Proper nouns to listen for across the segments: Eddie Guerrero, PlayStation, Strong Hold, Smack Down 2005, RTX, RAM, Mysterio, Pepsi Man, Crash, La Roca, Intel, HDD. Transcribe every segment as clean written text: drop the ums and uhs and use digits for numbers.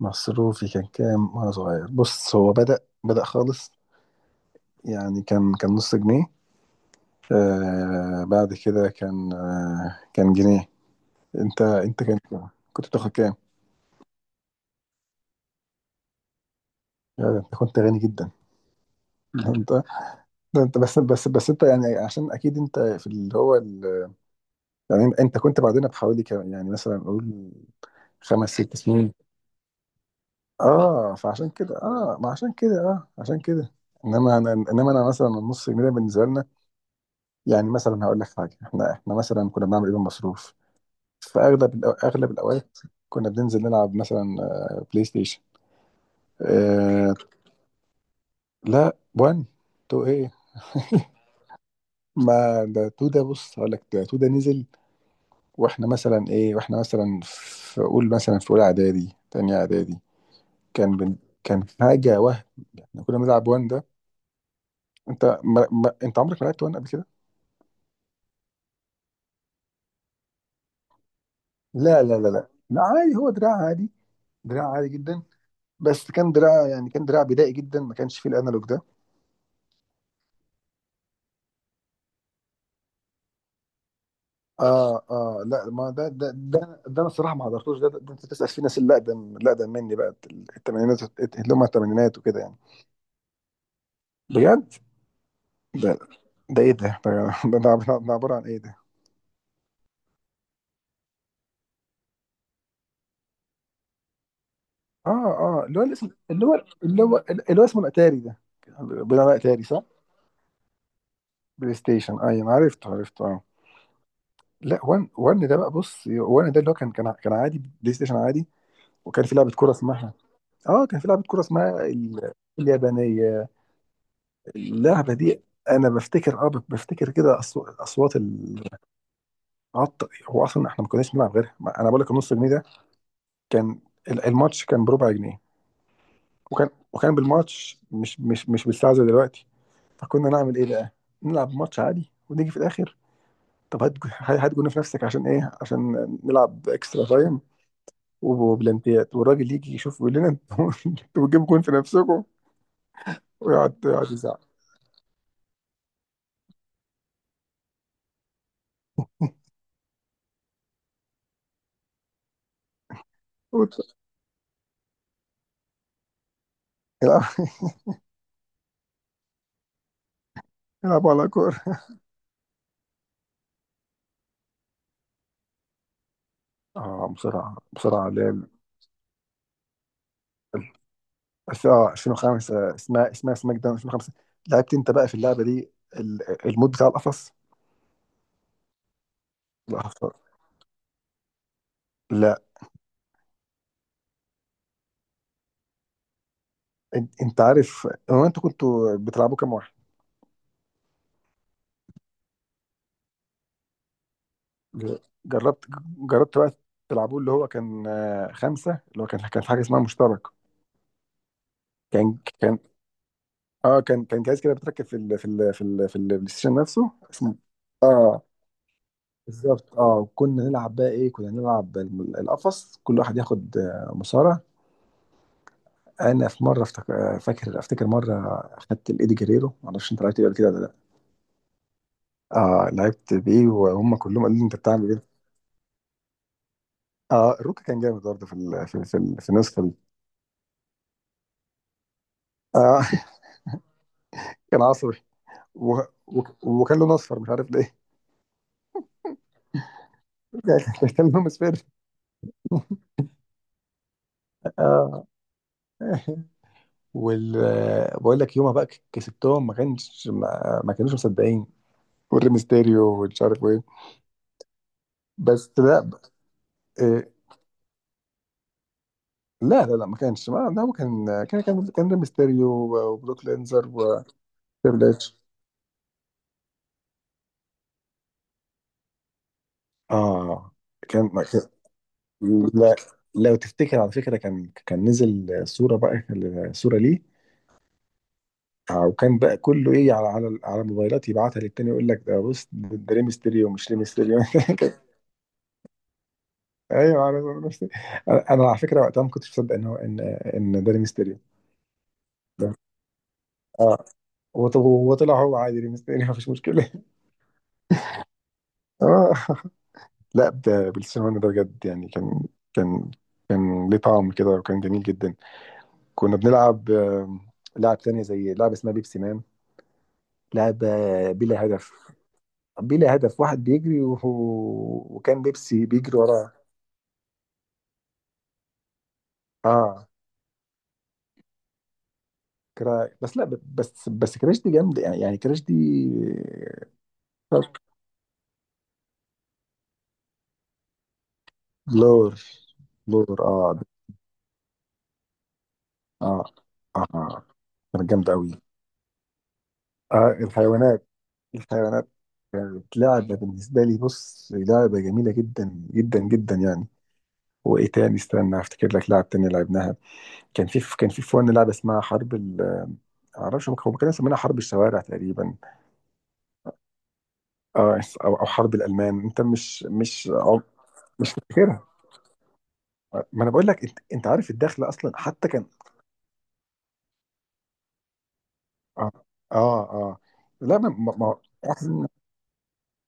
مصروفي كان كام وانا صغير. بص، هو بدأ خالص، يعني كان نص جنيه. آه، بعد كده كان، كان جنيه. انت كان كنت بتاخد كام؟ يا ده انت كنت غني جدا. انت، ده انت بس انت، يعني عشان اكيد انت في اللي هو يعني انت كنت بعدنا بحوالي كام، يعني مثلا اقول 5 6 سنين. اه، فعشان كده اه ما عشان كده اه عشان كده انما انا مثلا، النص جنيه ده بالنسبه لنا يعني، مثلا هقول لك حاجه، احنا مثلا كنا بنعمل ايه بالمصروف في اغلب الاوقات؟ كنا بننزل نلعب مثلا بلاي ستيشن آه... لا، 1، 2 ايه ما ده تو، ده بص، هقول لك ده تو ده نزل. واحنا مثلا ايه واحنا مثلا في، قول مثلا في اولى اعدادي، تانية اعدادي كان كان حاجه وهم. احنا كنا بنلعب وان ده. انت عمرك ما لعبت وان قبل كده؟ لا لا لا لا لا، عادي، هو دراع عادي، دراع عادي جدا، بس كان دراع، يعني كان دراع بدائي جدا، ما كانش فيه الانالوج ده. اه اه لا، ما ده ده ده, ده انا الصراحه ما حضرتوش ده, ده, ده انت تسال في ناس اللي اقدم مني بقى، الثمانينات، اللي هم الثمانينات وكده يعني. بجد؟ ده، ده ايه ده؟ عباره عن ايه؟ ده اه اه، اللي هو الاسم، اللي هو اللي هو اللي هو اسمه الاتاري ده، بناء على اتاري، صح؟ بلاي ستيشن، ايوه، أنا عرفته، عرفته اه. لا، وان ده بقى، بص، وان ده اللي هو كان كان عادي، بلاي ستيشن عادي. وكان في لعبه كوره اسمها، اه كان في لعبه كوره اسمها ال- اليابانيه. اللعبه دي انا بفتكر، بفتكر كده اصوات. العط، هو اصلا احنا ما كناش بنلعب غيرها. انا بقول لك النص جنيه ده كان، الماتش كان بربع جنيه، وكان بالماتش، مش بالساعه زي دلوقتي. فكنا نعمل ايه بقى؟ نلعب ماتش عادي، ونيجي في الاخر طب هات جون في نفسك عشان ايه؟ عشان نلعب اكسترا تايم وبلانتيات. والراجل يجي يشوف يقول لنا، انتوا انتوا بتجيبوا جون في نفسكم؟ ويقعد يقعد يزعق. يلعبوا على كورة. اه بسرعة بسرعة، اللي هي ال- بس اه، 2005، اسمها سماك داون 2005. لعبت انت بقى في اللعبة دي، المود بتاع القفص؟ القفص لا. أنت عارف هو انتوا كنتوا بتلعبوا كام واحد؟ ج- جربت جربت بقى، تلعبوه اللي هو كان خمسة، اللي هو كان في حاجة اسمها مشترك. كان كان اه كان كان جهاز كده بتركب في ال في ال في ال في البلاي ستيشن نفسه اسمه، اه بالظبط اه. كنا نلعب بقى ايه، كنا نلعب القفص، كل واحد ياخد مصارع. انا في مره افتك- آه، فاكر افتكر مره اخدت الايدي جريرو، معرفش انت لعبت بيه قبل كده ولا لا. اه لعبت بيه، وهم كلهم قالوا لي انت بتعمل ايه. اه، الروكا كان جامد برضه في في النسخه دي. اه كان عصبي، و... وكان لون اصفر، مش عارف ليه. كان لون اصفر اه، وال بقول لك يومها بقى كسبتهم، ما كانش ما, ما كانوش مصدقين، والريمستيريو ومش عارف ايه. بس لا، إيه، لا لا لا، ما كانش ما ده هو كان، كان ده ميستيريو، وبروك لينزر، وتريبل اتش. اه كان، ما كان، لا، لو تفتكر على فكره، كان نزل صوره بقى، صوره ليه. وكان بقى كله ايه، على موبايلات يبعتها للتاني يقول لك ده، بص ده ليه ميستيريو مش ليه ميستيريو. ايوه انا انا أنا على فكره وقتها ما كنتش مصدق ان هو ان ان ده ليه ميستيريو ده. اه وطلع هو عادي ليه ميستيريو مفيش مشكله. اه لا بالسينما، ده بجد يعني كان كان ليه طعم كده، وكان جميل جدا. كنا بنلعب لعب تانية زي لعبة اسمها بيبسي مان، لعبة بلا هدف. بلا هدف، واحد بيجري، وهو وكان بيبسي بيجري وراه. اه كرا... بس لا ب- بس بس كراش دي جامدة، يعني كراش دي، لور، لور اه. اه اه كانت جامدة قوي. اه الحيوانات، الحيوانات، كانت لعبة بالنسبة لي، بص، لعبة جميلة جدا جدا جدا يعني. وإيه تاني، استنى أفتكر لك لعب تاني لعبناها. كان في فن لعبة اسمها حرب معرفش هم كانوا مسمينها حرب الشوارع تقريبا، أو حرب الألمان، أنت مش مش أو مش فاكرها؟ ما أنا بقول لك، أنت عارف الدخلة أصلا حتى كان آه آه, آه. لا ما-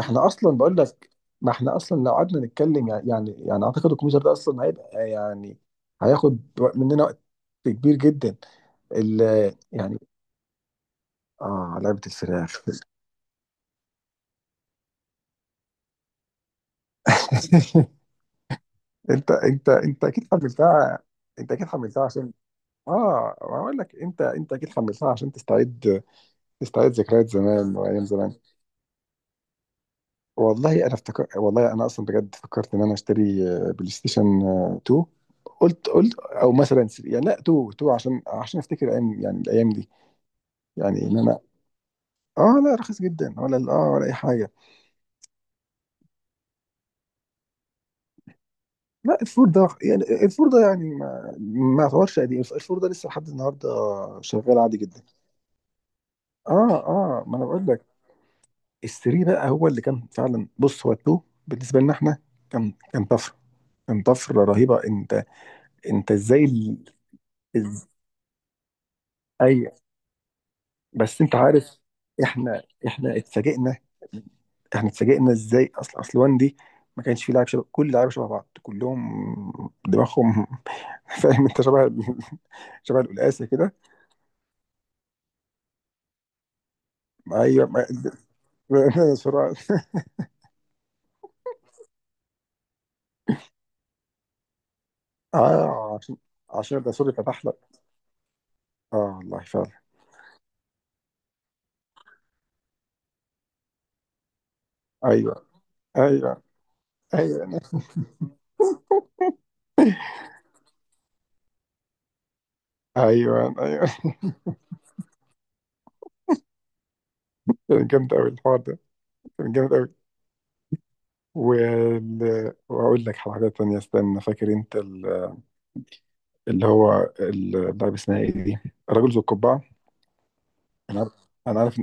احنا اصلا بقول لك، ما احنا اصلا لو قعدنا نتكلم يعني، اعتقد الكمبيوتر ده اصلا هيبقى يعني، هياخد مننا وقت كبير جدا ال يعني. اه لعبة الفراخ انت اكيد حملتها. انت اكيد حملتها عشان اه بقول لك، انت اكيد حملتها عشان تستعيد، تستعيد ذكريات زمان، وايام زمان. والله انا افتكر، والله انا اصلا بجد فكرت ان انا اشتري بلاي ستيشن 2، قلت او مثلا 3 يعني، لا 2، 2، عشان افتكر ايام، يعني الايام دي، يعني ان انا. اه لا، رخيص جدا، ولا ولا اي حاجه. لا الفور ده يعني، الفور ده يعني، ما يعتبرش قديم. الفور ده لسه لحد النهارده شغال عادي جدا. اه ما انا بقول لك، الثري بقى هو اللي كان فعلا، بص، هو التو بالنسبه لنا احنا كان طفره، كان طفره رهيبه. انت ازاي إز... بس انت عارف، احنا اتفاجئنا، احنا اتفاجئنا ازاي. اصل وان دي ما كانش فيه لاعب شبه، كل اللعيبه شبه بعض، كلهم دماغهم فاهم، انت شبه شبه القلقاسه كده. ايوه بسرعه. اه عشان الرسول فتح لك. اه والله فعلا. ايوه ايوه ايوه ايوه ايوه. كان جامد قوي الحوار ده، كان جامد قوي وال... واقول لك حاجه تانية. استنى، فاكر انت اللي هو اللعبة اسمها ايه دي، الرجل ذو القبعة؟ انا عارف، انا عارف.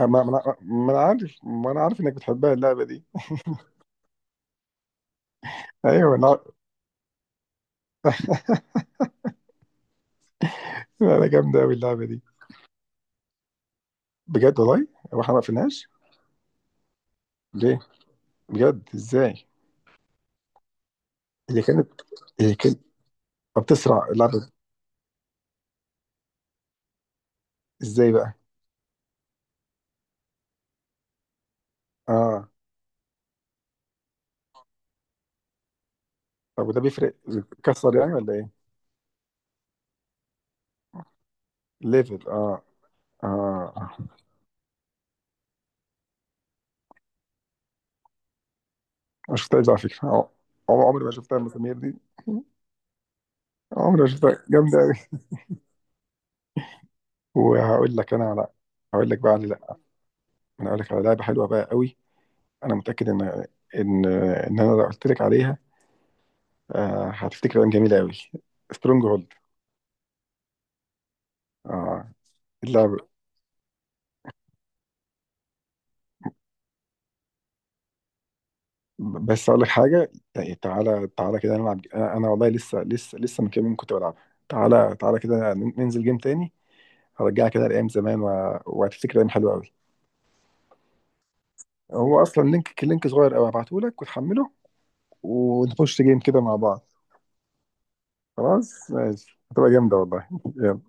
ما انا عارف انك بتحبها اللعبة دي. ايوه انا عارف. لا، لا، جامدة قوي اللعبة دي. بجد والله. هو احنا ما قفلناش ليه؟ بجد، ازاي؟ اللي كانت اللي كانت بتسرع اللعبة، ازاي بقى؟ اه طب وده بيفرق، بتكسر يعني ولا ايه؟ ليفل، اه ما شفتهاش على فكرة. عمري ما شفتها المسامير دي، عمري ما شفتها، جامدة قوي. وهقول لك انا على، هقول لك بقى على، انا اقول لك على لعبه حلوه بقى قوي، انا متاكد ان انا لو قلت لك عليها هتفتكر ايام جميله قوي. سترونج هولد. اه اللعبه، بس اقول لك حاجه يعني، تعالى تعالى كده نلعب أنا والله لسه، من كام يوم كنت بلعبها. تعالى تعالى كده ننزل جيم تاني، هرجعك كده لايام زمان، وهتفتكر ايام حلوه قوي. هو اصلا لينك، صغير قوي، هبعته لك وتحمله، ونخش جيم كده مع بعض. خلاص ماشي، هتبقى جامده والله. يلا.